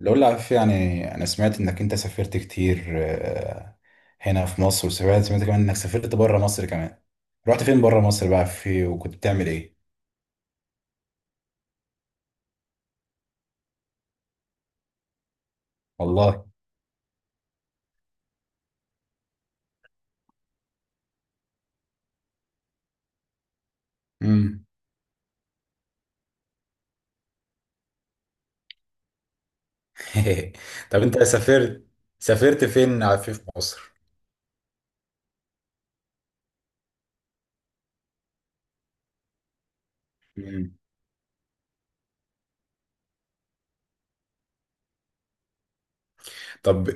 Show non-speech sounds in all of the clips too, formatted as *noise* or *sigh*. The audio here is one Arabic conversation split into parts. لو عارف يعني انا سمعت انك انت سافرت كتير، هنا في مصر. وسمعت سمعت كمان انك سافرت بره مصر كمان. رحت فين بره مصر بقى؟ وكنت بتعمل ايه؟ والله. امم. *laughs* طب انت سافرت، فين في مصر؟ طب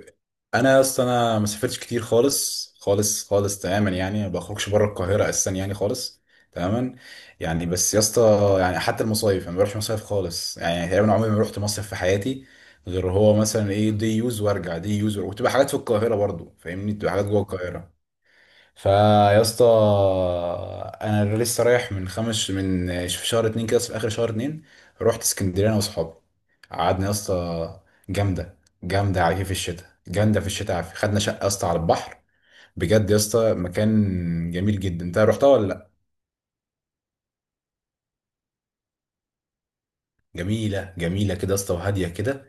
انا اصلا، انا ما سافرتش كتير خالص خالص خالص، تماما يعني. ما بخرجش بره القاهره اساسا، يعني خالص، تماما. يعني بس يا اسطى، يعني حتى المصايف انا ما بروحش مصايف خالص، يعني تقريبا عمري ما رحت مصيف في حياتي. غير هو مثلا ايه، دي يوز وارجع، دي يوز وارجع. وتبقى حاجات في القاهره برضو، فاهمني، تبقى حاجات جوه القاهره. فيا اسطى، انا لسه رايح من خمس من في شهر اتنين كده، في اخر شهر اتنين رحت اسكندريه انا واصحابي. قعدنا يا اسطى، جامده جامده على كيف. الشتاء جامده في الشتاء، عافية. خدنا شقه يا اسطى على البحر. بجد يا اسطى، مكان جميل جدا. انت رحتها ولا؟ جميلة جميلة كده يا اسطى، وهادية كده،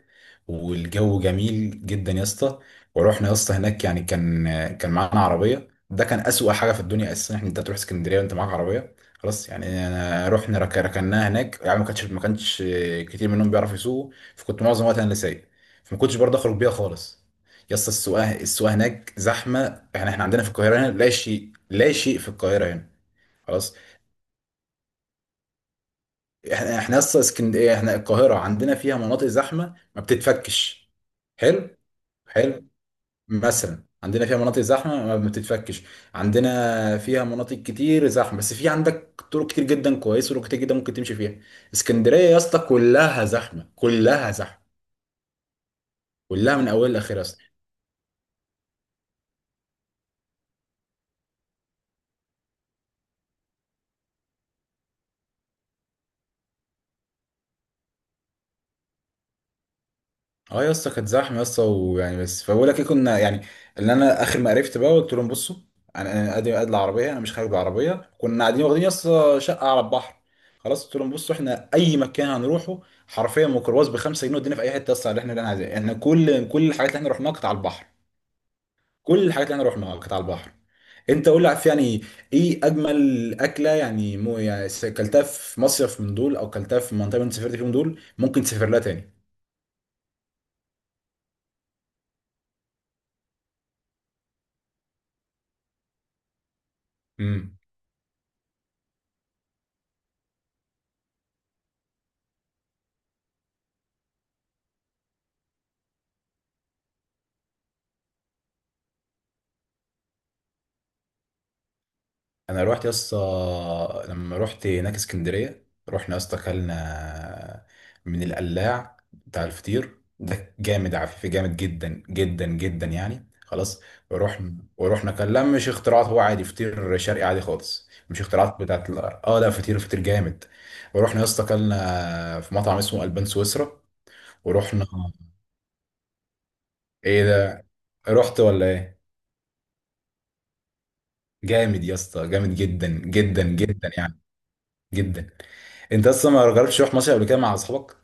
والجو جميل جدا يا اسطى. ورحنا يا اسطى هناك يعني، كان معانا عربية، ده كان أسوأ حاجة في الدنيا أساسا، إن أنت تروح اسكندرية وأنت معاك عربية. خلاص يعني، أنا رحنا ركناها هناك، يعني ما كانش كتير منهم بيعرفوا يسوقوا، فكنت معظم وقتي أنا اللي سايق، فما كنتش برضه أخرج بيها خالص. يا اسطى، السواقة هناك زحمة. يعني إحنا عندنا في القاهرة هنا لا شيء، لا شيء في القاهرة هنا. خلاص، احنا اصلا اسكندريه، احنا القاهره عندنا فيها مناطق زحمه ما بتتفكش. حلو، حلو. مثلا عندنا فيها مناطق زحمه ما بتتفكش، عندنا فيها مناطق كتير زحمه، بس في عندك طرق كتير جدا كويسه، وطرق كتير جدا ممكن تمشي فيها. اسكندريه يا اسطى كلها زحمه، كلها زحمه، كلها من اولها لاخرها يا اسطى. اه يا اسطى، كانت زحمه يا اسطى، ويعني بس، فبقول لك ايه، كنا يعني، اللي انا اخر ما عرفت بقى، قلت لهم بصوا، انا قادر قاد العربيه، انا مش خارج بالعربيه. كنا قاعدين، واخدين يا اسطى شقه على البحر. خلاص قلت لهم بصوا، احنا اي مكان هنروحه حرفيا ميكروباص ب 5 جنيه ودينا في اي حته يا اسطى اللي احنا عايزينها. احنا كل الحاجات اللي احنا رحناها كانت على البحر. كل الحاجات اللي احنا رحناها كانت على البحر. انت قول لي، عارف يعني، ايه اجمل اكله، يعني كلتها في مصيف من دول، او كلتها في منطقه من سافرت فيهم دول ممكن تسافر لها تاني؟ انا روحت يا اسطى، لما روحت هناك اسكندريه، رحنا يا اسطى اكلنا من القلاع بتاع الفطير ده، جامد عفيف، جامد جدا جدا جدا يعني، خلاص. ورحنا كان، لا مش اختراعات، هو عادي فطير شرقي عادي خالص، مش اختراعات بتاعت لا، فطير فطير جامد. ورحنا يا اسطى اكلنا في مطعم اسمه البان سويسرا. ورحنا، ايه ده، رحت ولا ايه؟ جامد يا اسطى، جامد جدا جدا جدا يعني، جدا. انت اصلا ما جربتش تروح مصيف قبل كده مع اصحابك؟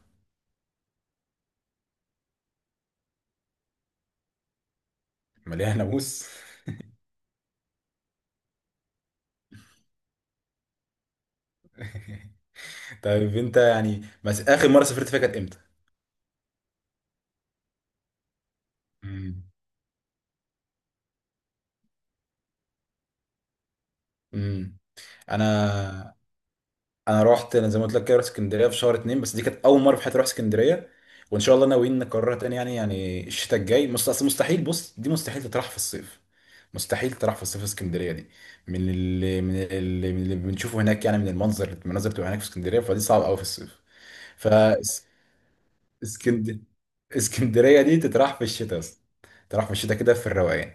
مليان ناموس. *laughs* طيب انت يعني، بس اخر مره سافرت فيها كانت امتى؟ امم. امم. انا انا رحت، انا زي ما قلت لك كده، رحت اسكندريه في شهر اتنين، بس دي كانت اول مره في حياتي اروح اسكندريه. وان شاء الله ناويين نكررها تاني، يعني يعني الشتاء الجاي. اصل مستحيل، بص، دي مستحيل تطرح في الصيف، مستحيل تطرح في الصيف اسكندريه دي. من اللي بنشوفه هناك، يعني من المناظر بتبقى هناك في اسكندريه، فدي صعبه قوي في الصيف. ف اسكند... اسكندرية دي تتراح في الشتاء اصلا، تتراح في الشتاء كده في الروقان.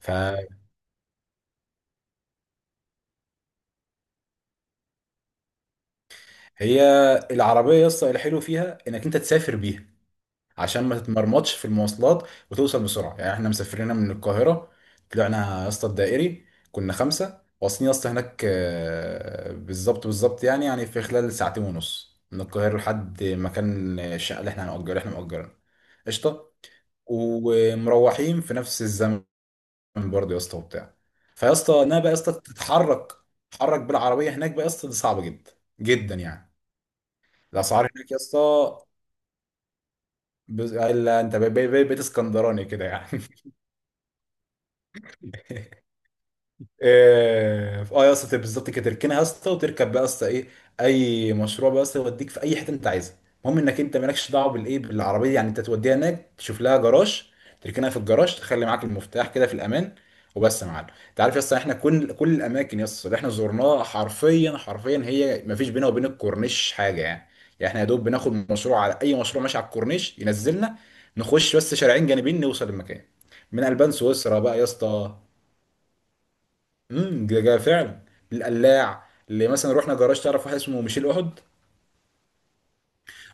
فهي العربية يسطا، الحلو فيها انك انت تسافر بيها عشان ما تتمرمطش في المواصلات وتوصل بسرعة. يعني احنا مسافرين من القاهرة، طلعنا يا اسطى الدائري، كنا خمسة واصلين يا اسطى هناك بالظبط بالظبط، يعني في خلال ساعتين ونص من القاهرة لحد مكان الشقة اللي احنا هنأجرها، اللي احنا مأجرينها. قشطة. ومروحين في نفس الزمن من برضه يا اسطى، وبتاع. فيا اسطى، انها بقى يا اسطى تتحرك، بالعربيه هناك بقى يا اسطى، دي صعبه جدا جدا يعني. الاسعار هناك يا اسطى. الا انت بقيت، اسكندراني كده يعني؟ *laughs* اه، آه يا اسطى، تبقى بالظبط كده، تركنها يا اسطى وتركب بقى يا اسطى ايه، اي مشروع بقى يا اسطى يوديك في اي حته انت عايزها. المهم انك انت مالكش دعوه بالعربيه، يعني انت توديها هناك، تشوف لها جراج، تركنها في الجراج، تخلي معاك المفتاح كده في الامان، وبس يا معلم. انت عارف يا اسطى، احنا كل الاماكن يا اسطى اللي احنا زرناها، حرفيا حرفيا هي ما فيش بينها وبين الكورنيش حاجه يعني. يعني احنا يا دوب بناخد مشروع على اي مشروع ماشي على الكورنيش ينزلنا، نخش بس شارعين جانبين نوصل المكان. من البان سويسرا بقى يا اسطى. ده جا فعلا. القلاع اللي مثلا رحنا، جراج، تعرف واحد اسمه ميشيل احد؟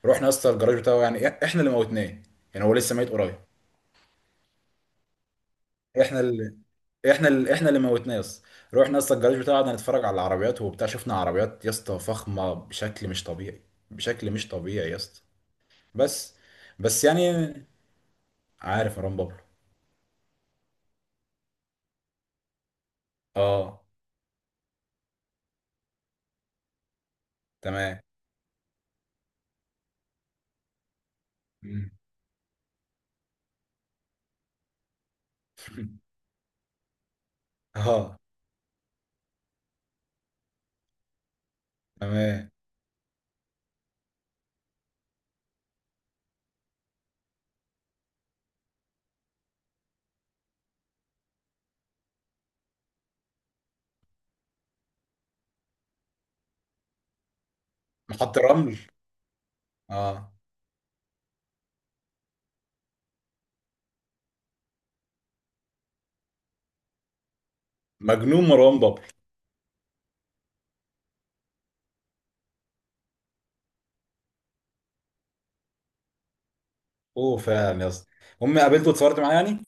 رحنا يا اسطى الجراج بتاعه، يعني احنا اللي موتناه، يعني هو لسه ميت قريب. احنا اللي احنا اللي موتناه يا اسطى. رحنا يا اسطى الجراج بتاعه، قعدنا نتفرج على العربيات وبتاع، شفنا عربيات يا اسطى فخمه بشكل مش طبيعي، بشكل مش طبيعي يا اسطى. بس بس يعني عارف مروان بابلو؟ اه. تمام. مم. *laughs* اه. تمام. محط الرمل. اه، مجنون مروان بابلو. اوه، فعلا يا اسطى، امي قابلته واتصورت معاه يعني.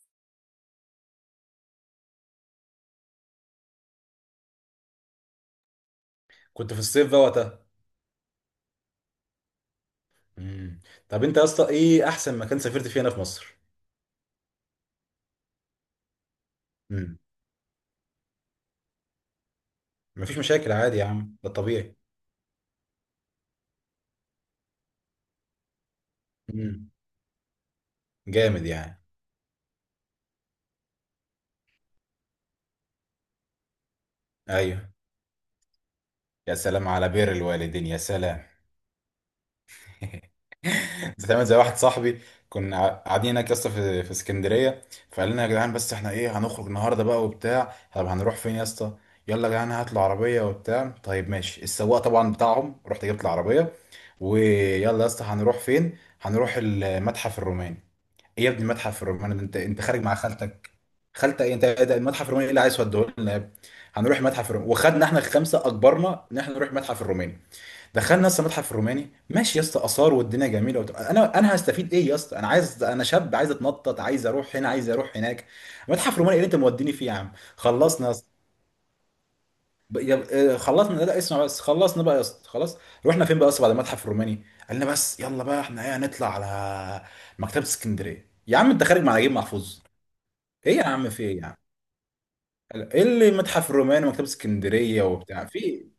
كنت في الصيف بقى وقتها؟ امم. طب انت يا اسطى، ايه احسن مكان سافرت فيه هنا في مصر؟ امم. مفيش مشاكل عادي يا عم، ده الطبيعي. امم. جامد يعني. ايوه. يا سلام على بر الوالدين، يا سلام. *laughs* بتعمل زي واحد صاحبي، كنا قاعدين هناك يا اسطى في اسكندريه، فقال لنا: يا جدعان، بس احنا ايه هنخرج النهارده بقى وبتاع، طب هنروح فين يا اسطى؟ يلا يا جدعان، هات العربيه وبتاع. طيب ماشي، السواق طبعا بتاعهم رحت جبت العربيه. ويلا يا اسطى هنروح فين؟ هنروح المتحف الروماني. ايه يا ابني المتحف الروماني ده، انت خارج مع خالتك؟ خالتك ايه انت، ده المتحف الروماني اللي عايز توديه لنا يا ابني؟ هنروح المتحف الروماني. وخدنا احنا الخمسه، اجبرنا ان احنا نروح المتحف الروماني. دخلنا لسه متحف الروماني، ماشي يا اسطى، اثار والدنيا جميله وبتاع. انا هستفيد ايه يا اسطى، انا عايز، انا شاب عايز اتنطط، عايز اروح هنا عايز اروح هناك. متحف روماني ايه اللي انت موديني فيه يا عم، خلصنا يا اسطى. خلصنا، لا لا، اسمع بس، خلصنا بقى يا اسطى، خلاص. رحنا فين بقى يا اسطى بعد المتحف الروماني؟ قال لنا: بس يلا بقى احنا ايه هنطلع على مكتبه اسكندريه. يا عم انت خارج مع نجيب محفوظ؟ ايه يا عم، في ايه يا عم؟ ايه اللي متحف الروماني ومكتبه اسكندريه وبتاع في إيه؟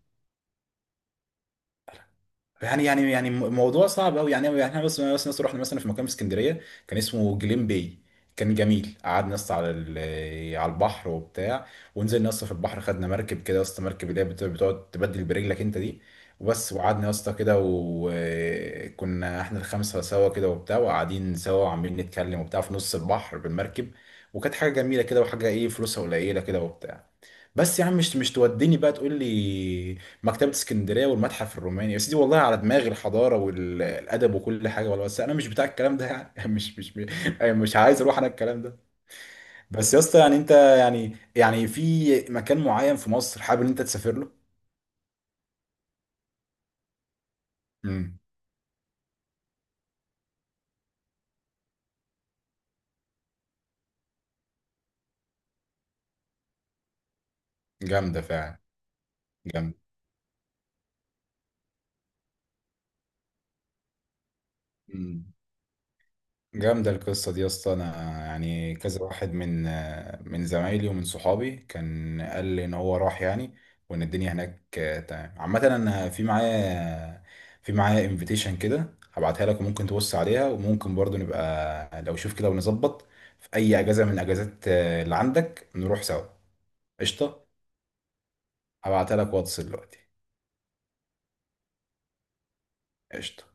موضوع صعب قوي، يعني احنا بس ناس رحنا مثلا في مكان في اسكندريه كان اسمه جليم باي، كان جميل. قعدنا نص على البحر وبتاع، ونزلنا نص في البحر، خدنا مركب كده يا اسطى، مركب اللي هي بتقعد تبدل برجلك انت دي. وبس. وقعدنا يا اسطى كده، وكنا احنا الخمسه سوا كده وبتاع، وقاعدين سوا وعمالين نتكلم وبتاع في نص البحر بالمركب، وكانت حاجه جميله كده، وحاجه ايه، فلوسها قليله كده وبتاع. بس يا عم، مش توديني بقى تقول لي مكتبة اسكندرية والمتحف الروماني يا سيدي، والله على دماغي الحضارة والأدب وكل حاجة، والله، بس أنا مش بتاع الكلام ده يعني. *laughs* مش عايز أروح أنا الكلام ده. بس يا اسطى، يعني أنت، يعني في مكان معين في مصر حابب إن أنت تسافر له؟ امم. جامدة فعلا. جامدة جامدة القصة دي يا اسطى. أنا يعني كذا واحد من زمايلي ومن صحابي كان قال لي إن هو راح، يعني وإن الدنيا هناك تمام عامة. أنا في معايا انفيتيشن كده، هبعتها لك وممكن تبص عليها، وممكن برضو نبقى لو شوف كده ونظبط في أي أجازة من الأجازات اللي عندك نروح سوا. قشطة، هبعتها لك واتس دلوقتي. قشطة.